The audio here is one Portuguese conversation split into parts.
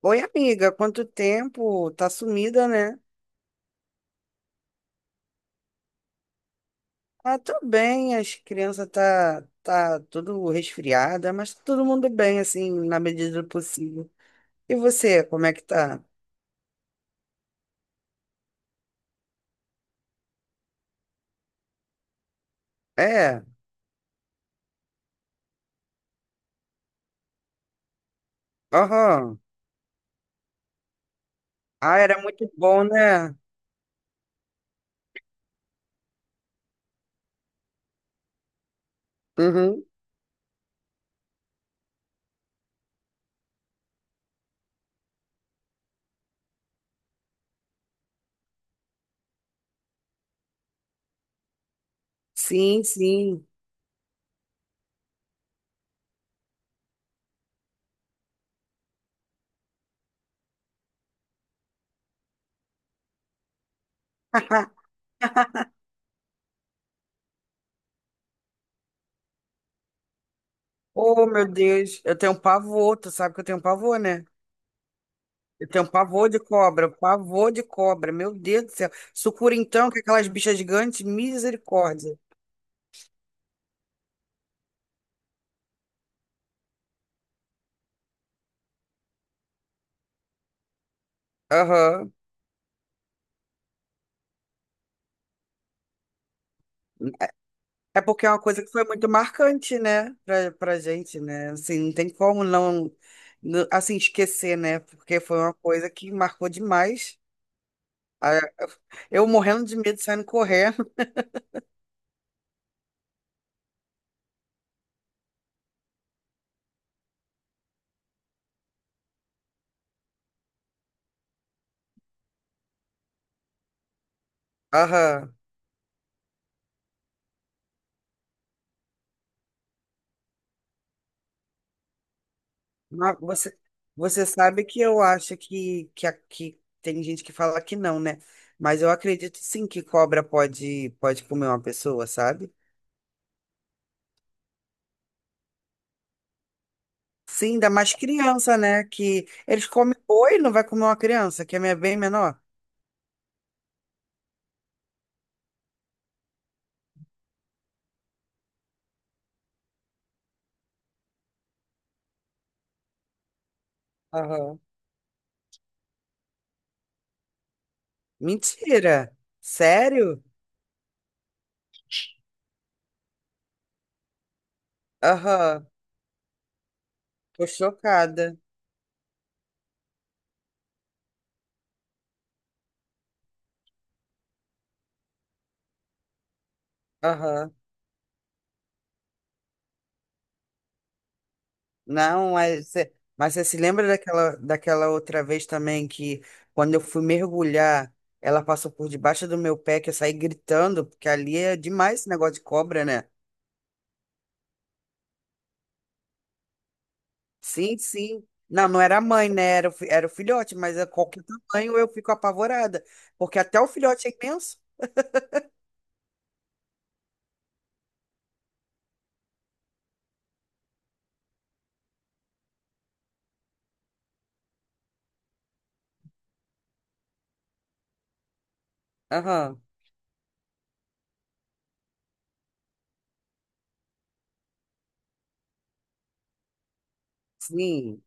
Oi, amiga, quanto tempo? Tá sumida, né? Ah, tô bem, as crianças tá tudo resfriada, mas tá todo mundo bem, assim, na medida do possível. E você, como é que tá? É, aham. Ah, era muito bom, né? Uhum. Sim, sim. Oh, meu Deus, eu tenho um pavor, tu sabe que eu tenho um pavor, né? Eu tenho um pavor de cobra, um pavor de cobra, meu Deus do céu. Sucura então, que aquelas bichas gigantes, misericórdia. Aham. É porque é uma coisa que foi muito marcante, né, pra gente, né? Assim, não tem como assim, esquecer, né? Porque foi uma coisa que marcou demais. Ah, eu morrendo de medo, saindo correndo. Aham. Mas você, você sabe que eu acho que tem gente que fala que não, né? Mas eu acredito sim que cobra pode comer uma pessoa, sabe? Sim, ainda mais criança, né? Que eles comem boi, não vai comer uma criança, que é bem menor. Aham. Mentira! Sério? Aham, tô chocada. Aham. Não, mas você se lembra daquela outra vez também que quando eu fui mergulhar, ela passou por debaixo do meu pé, que eu saí gritando, porque ali é demais esse negócio de cobra, né? Sim, sim. Não, não era a mãe, né? Era era o filhote, mas a qualquer tamanho eu fico apavorada, porque até o filhote é imenso. Aham, sim,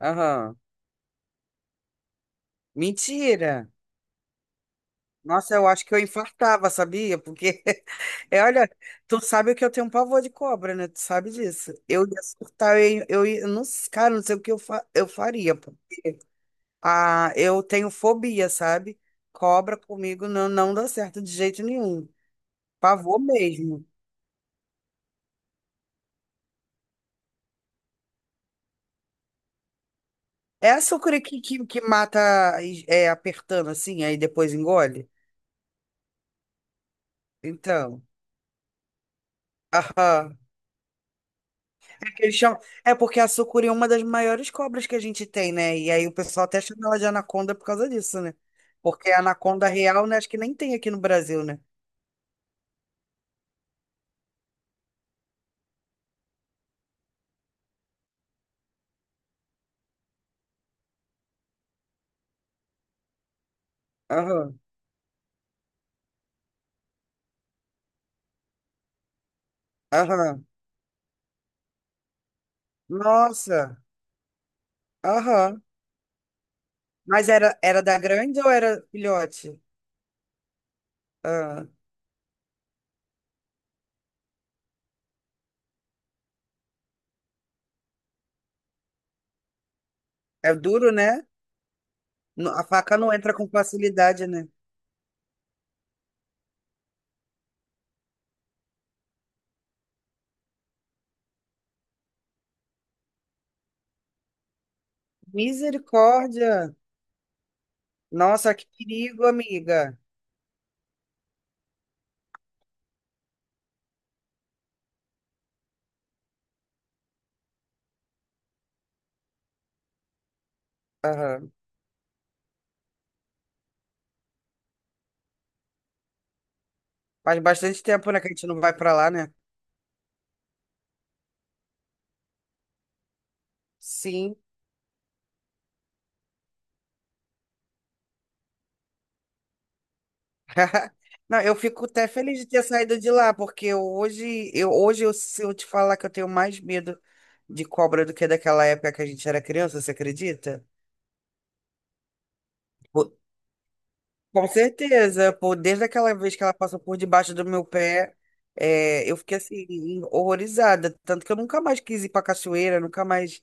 aham. Mentira! Nossa, eu acho que eu infartava, sabia? Porque, é, olha, tu sabe que eu tenho um pavor de cobra, né? Tu sabe disso. Eu ia surtar, eu, ia- Não, cara, não sei o que eu faria, pô. Ah, eu tenho fobia, sabe? Cobra comigo não dá certo de jeito nenhum. Pavor mesmo. É a sucuri que mata é, apertando assim, aí depois engole? Então, aham. É que eles chamam- é porque a sucuri é uma das maiores cobras que a gente tem, né? E aí o pessoal até chama ela de anaconda por causa disso, né? Porque a anaconda real, né? Acho que nem tem aqui no Brasil, né? Aham, aham. Nossa, aham. Mas era, era da grande ou era filhote? Ah, é duro, né? A faca não entra com facilidade, né? Misericórdia! Nossa, que perigo, amiga. Aham. Faz bastante tempo, né, que a gente não vai pra lá, né? Sim. Não, eu fico até feliz de ter saído de lá, porque hoje eu, se eu te falar que eu tenho mais medo de cobra do que daquela época que a gente era criança, você acredita? Pô, com certeza, pô, desde aquela vez que ela passou por debaixo do meu pé, é, eu fiquei assim, horrorizada. Tanto que eu nunca mais quis ir pra cachoeira, nunca mais.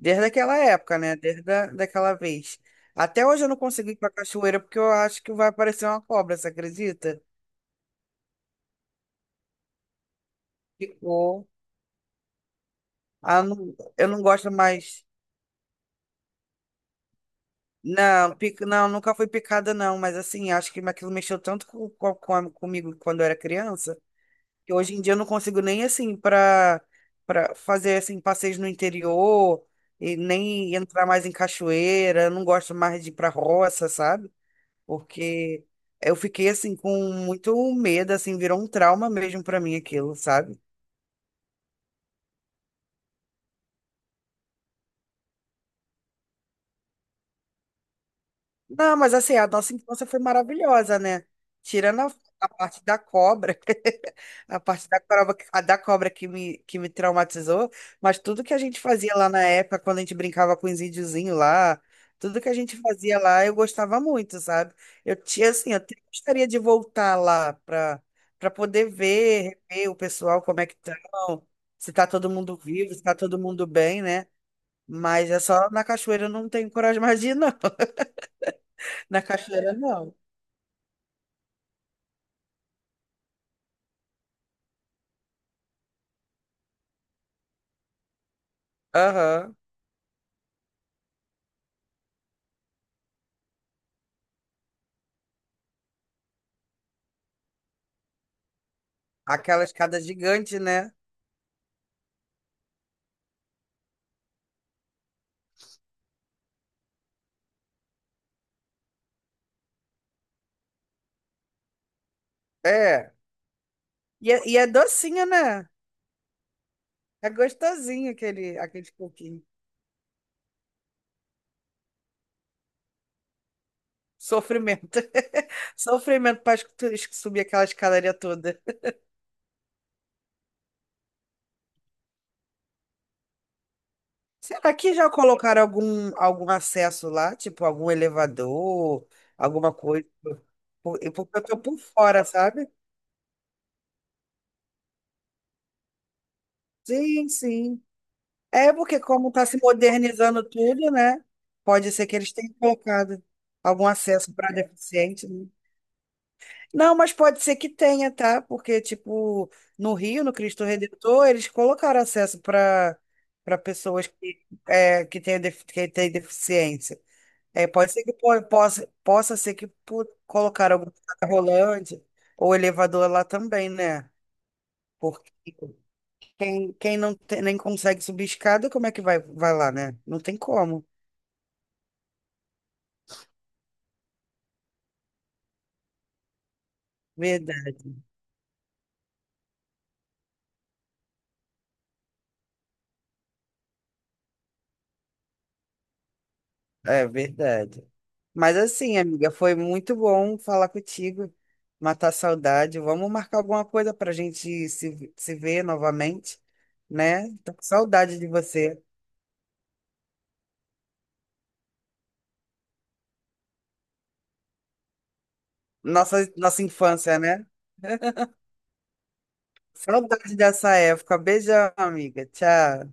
Desde aquela época, né? Daquela vez. Até hoje eu não consigo ir pra cachoeira porque eu acho que vai aparecer uma cobra, você acredita? Ficou. Eu não gosto mais. Não, não, nunca fui picada, não. Mas assim, acho que aquilo mexeu tanto comigo quando eu era criança, que hoje em dia eu não consigo nem assim para fazer assim passeios no interior e nem entrar mais em cachoeira. Eu não gosto mais de ir pra roça, sabe? Porque eu fiquei assim com muito medo, assim, virou um trauma mesmo pra mim aquilo, sabe? Não, mas assim, a nossa infância foi maravilhosa, né? Tirando a, a parte da cobra, a parte da cobra, a da cobra que me traumatizou, mas tudo que a gente fazia lá na época, quando a gente brincava com os índiozinhos lá, tudo que a gente fazia lá, eu gostava muito, sabe? Eu tinha, assim, eu até gostaria de voltar lá para poder ver, rever o pessoal, como é que estão, se tá todo mundo vivo, se tá todo mundo bem, né? Mas é só na cachoeira eu não tenho coragem mais de ir, não. Na cachoeira, não. Aham. Aquela escada gigante, né? É. E é docinho, né? É gostosinho aquele, aquele pouquinho. Sofrimento. Sofrimento para subir aquela escadaria toda. Será que já colocaram algum acesso lá? Tipo, algum elevador, alguma coisa? Porque eu tô por fora, sabe? Sim, sim. É porque como tá se modernizando tudo, né? Pode ser que eles tenham colocado algum acesso para deficiente, né? Não, mas pode ser que tenha, tá? Porque, tipo, no Rio, no Cristo Redentor, eles colocaram acesso para pessoas que, é, que têm deficiência. É, pode ser que possa ser que colocaram algum cadeira rolante ou elevador lá também, né? Porque quem nem consegue subir escada, como é que vai lá, né? Não tem como. Verdade. É verdade. Mas assim, amiga, foi muito bom falar contigo, matar a saudade. Vamos marcar alguma coisa para a gente se ver novamente, né? Tô com saudade de você. Nossa, nossa infância, né? Saudade dessa época. Beijão, amiga. Tchau.